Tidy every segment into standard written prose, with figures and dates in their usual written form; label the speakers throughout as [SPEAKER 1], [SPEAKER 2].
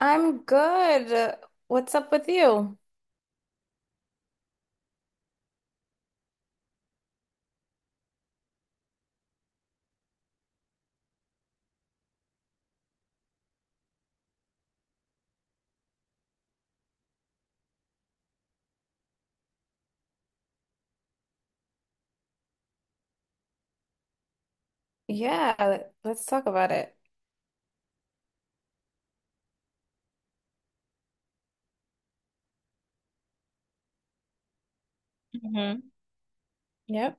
[SPEAKER 1] I'm good. What's up with you? Yeah, let's talk about it. Hmm. Yep.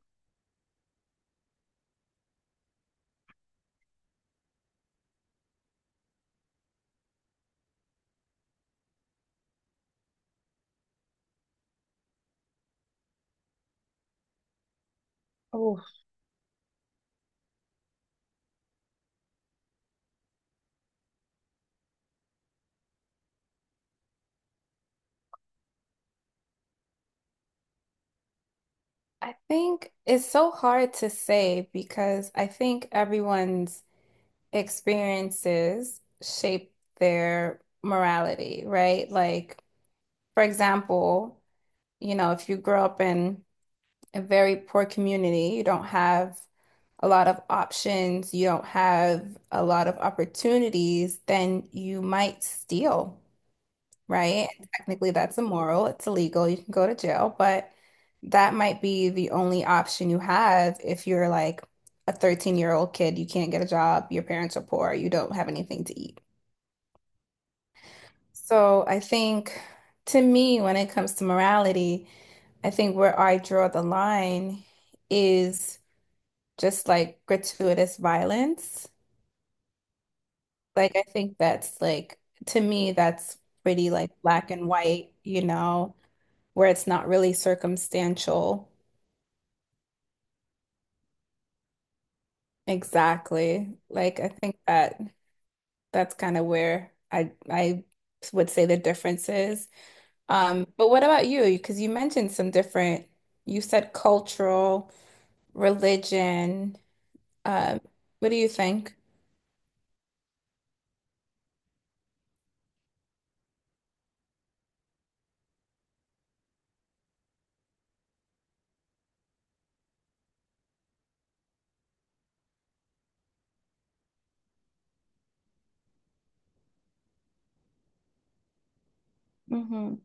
[SPEAKER 1] Oh, I think it's so hard to say because I think everyone's experiences shape their morality, right? Like, for example, you know, if you grow up in a very poor community, you don't have a lot of options, you don't have a lot of opportunities, then you might steal. Right? Technically, that's immoral. It's illegal. You can go to jail, but that might be the only option you have if you're like a 13-year-old kid. You can't get a job. Your parents are poor. You don't have anything to eat. So I think to me, when it comes to morality, I think where I draw the line is just like gratuitous violence. Like, I think that's like, to me, that's pretty like black and white, you know? Where it's not really circumstantial. Exactly. Like I think that that's kind of where I would say the difference is. But what about you? Because you mentioned some different, you said cultural, religion. Um, what do you think? Hmm.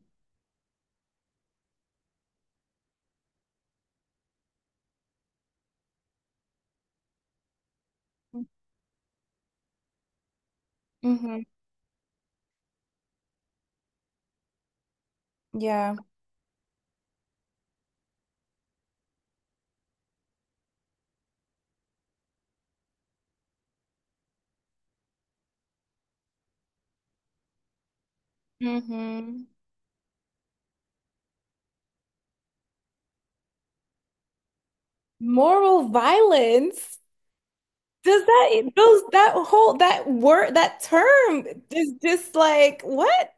[SPEAKER 1] Hmm. Yeah. Hmm. Moral violence. Does that those that whole that word that term is just like what?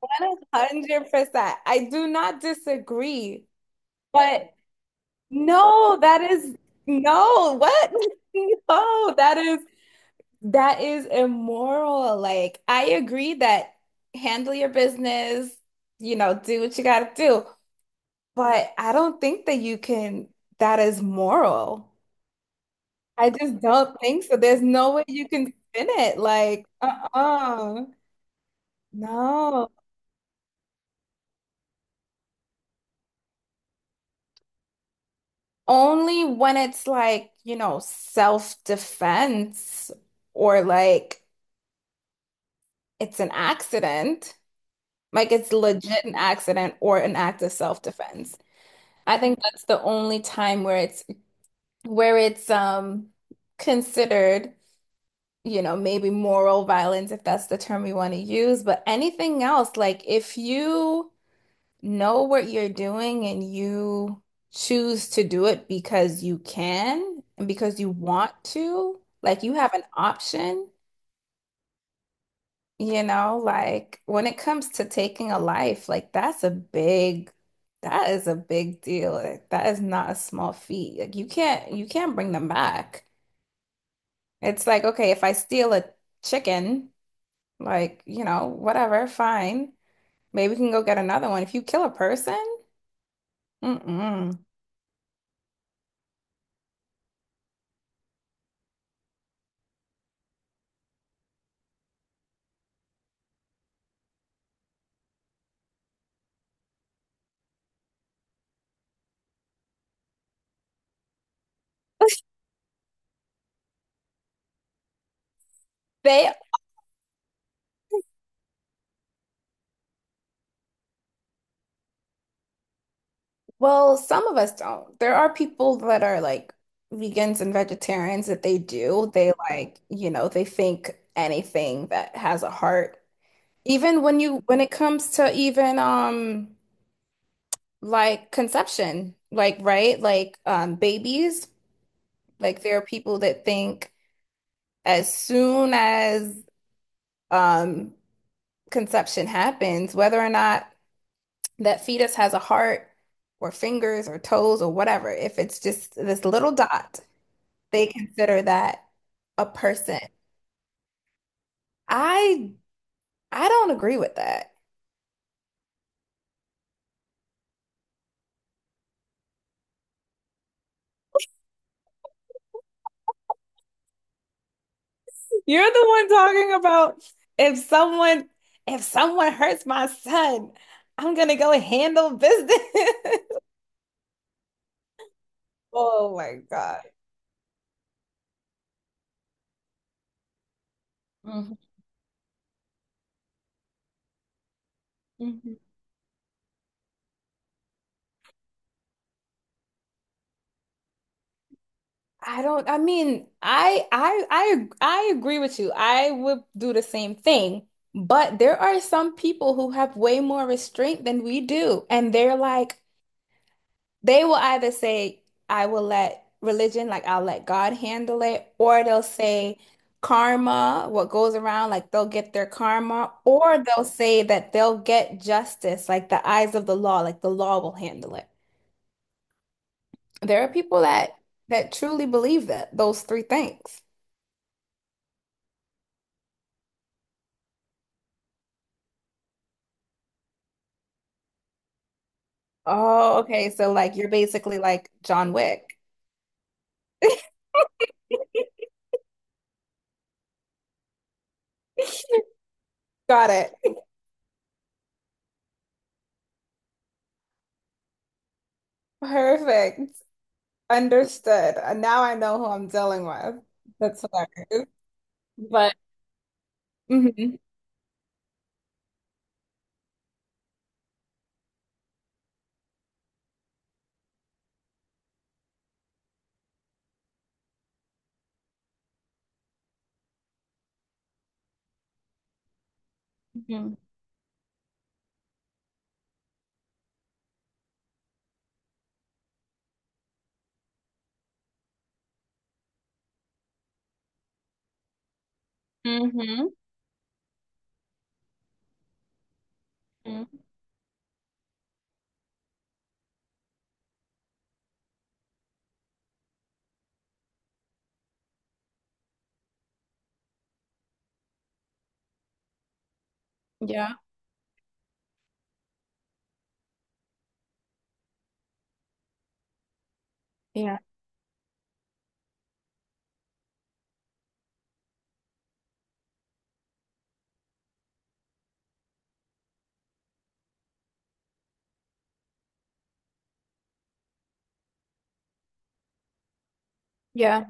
[SPEAKER 1] 100%. I do not disagree. But no, that is no, what? No, that is immoral. Like I agree that handle your business, you know, do what you gotta do. But I don't think that you can, that is moral. I just don't think so. There's no way you can spin it. Like, uh-uh. No. Only when it's like, you know, self-defense or like it's an accident, like it's legit an accident or an act of self-defense. I think that's the only time where it's considered, you know, maybe moral violence, if that's the term we want to use, but anything else, like if you know what you're doing and you choose to do it because you can and because you want to, like you have an option, you know, like when it comes to taking a life, like that's a big, that is a big deal. Like, that is not a small feat. Like, you can't bring them back. It's like, okay, if I steal a chicken, like, you know, whatever, fine. Maybe we can go get another one. If you kill a person, mm-mm. They, well, some of us don't. There are people that are like vegans and vegetarians that they do. They, like, you know, they think anything that has a heart. Even when you, when it comes to even like conception, like right, like babies, like there are people that think as soon as um conception happens, whether or not that fetus has a heart or fingers or toes or whatever, if it's just this little dot, they consider that a person. I I don't agree with that. You're the one talking about if someone if someone hurts my son, I'm gonna go handle business. Oh my God. Mhm. Mhm. I don't, I mean, I agree with you. I would do the same thing. But there are some people who have way more restraint than we do. And they're like, they will either say, I will let religion, like I'll let God handle it, or they'll say karma, what goes around, like they'll get their karma, or they'll say that they'll get justice, like the eyes of the law, like the law will handle it. There are people that truly believe that those three things. Oh, okay. So like you're basically like John Wick. Got it. Perfect. Understood. Now I know who I'm dealing with. That's hilarious. But Mhm. Mhm. Mhm. Mhm. Yeah. Yeah. Yeah.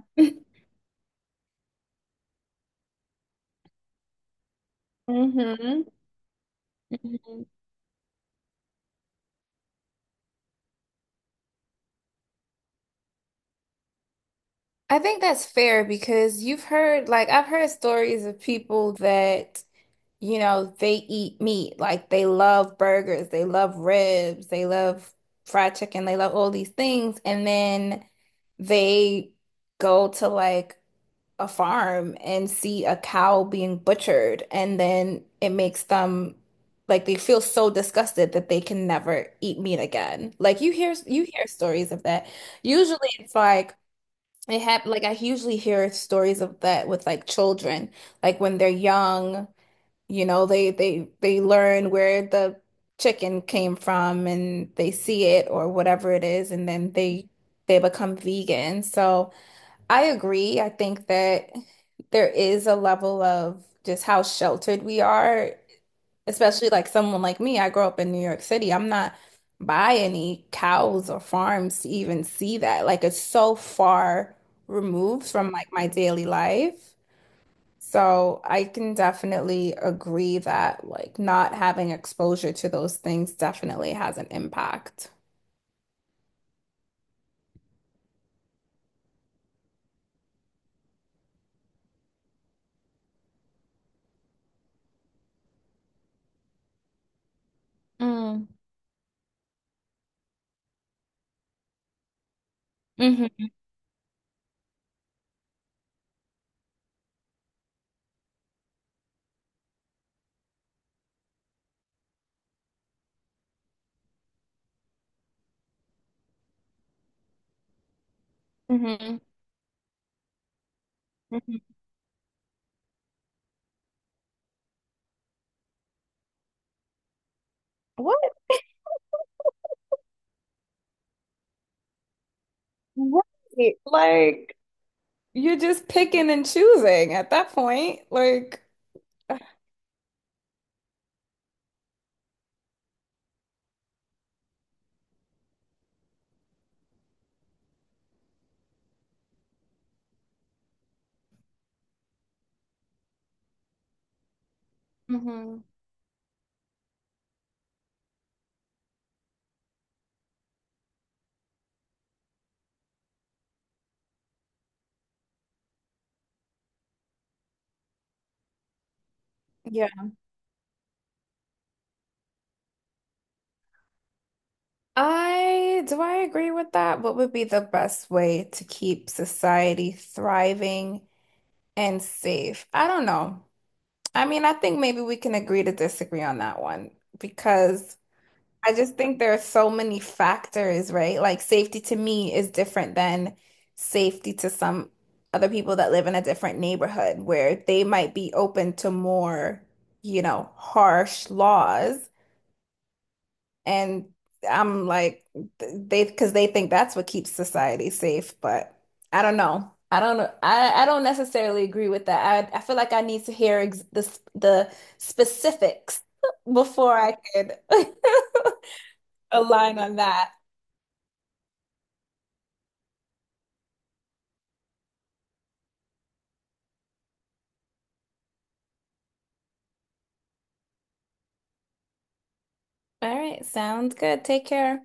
[SPEAKER 1] Hmm. Hmm. I think that's fair because you've heard, like I've heard stories of people that, you know, they eat meat. Like they love burgers, they love ribs, they love fried chicken, they love all these things. And then they go to like a farm and see a cow being butchered. And then it makes them like they feel so disgusted that they can never eat meat again. Like you hear, you hear stories of that. Usually it's like it hap like I usually hear stories of that with like children, like when they're young, you know, they learn where the chicken came from and they see it or whatever it is, and then they become vegan. So I agree. I think that there is a level of just how sheltered we are, especially like someone like me. I grew up in New York City. I'm not by any cows or farms to even see that. Like it's so far removed from like my daily life. So I can definitely agree that like not having exposure to those things definitely has an impact. Mm. Hmm. Hmm. Hmm. What? Right. Like, you're just picking and choosing at that point. Like, hmm. Yeah. I do I agree with that? What would be the best way to keep society thriving and safe? I don't know. I mean, I think maybe we can agree to disagree on that one because I just think there are so many factors, right? Like safety to me is different than safety to some other people that live in a different neighborhood where they might be open to more, you know, harsh laws. And I'm like, they, because they think that's what keeps society safe. But I don't know. I don't know. I don't necessarily agree with that. I feel like I need to hear ex the specifics before I could align on that. All right. Sounds good. Take care.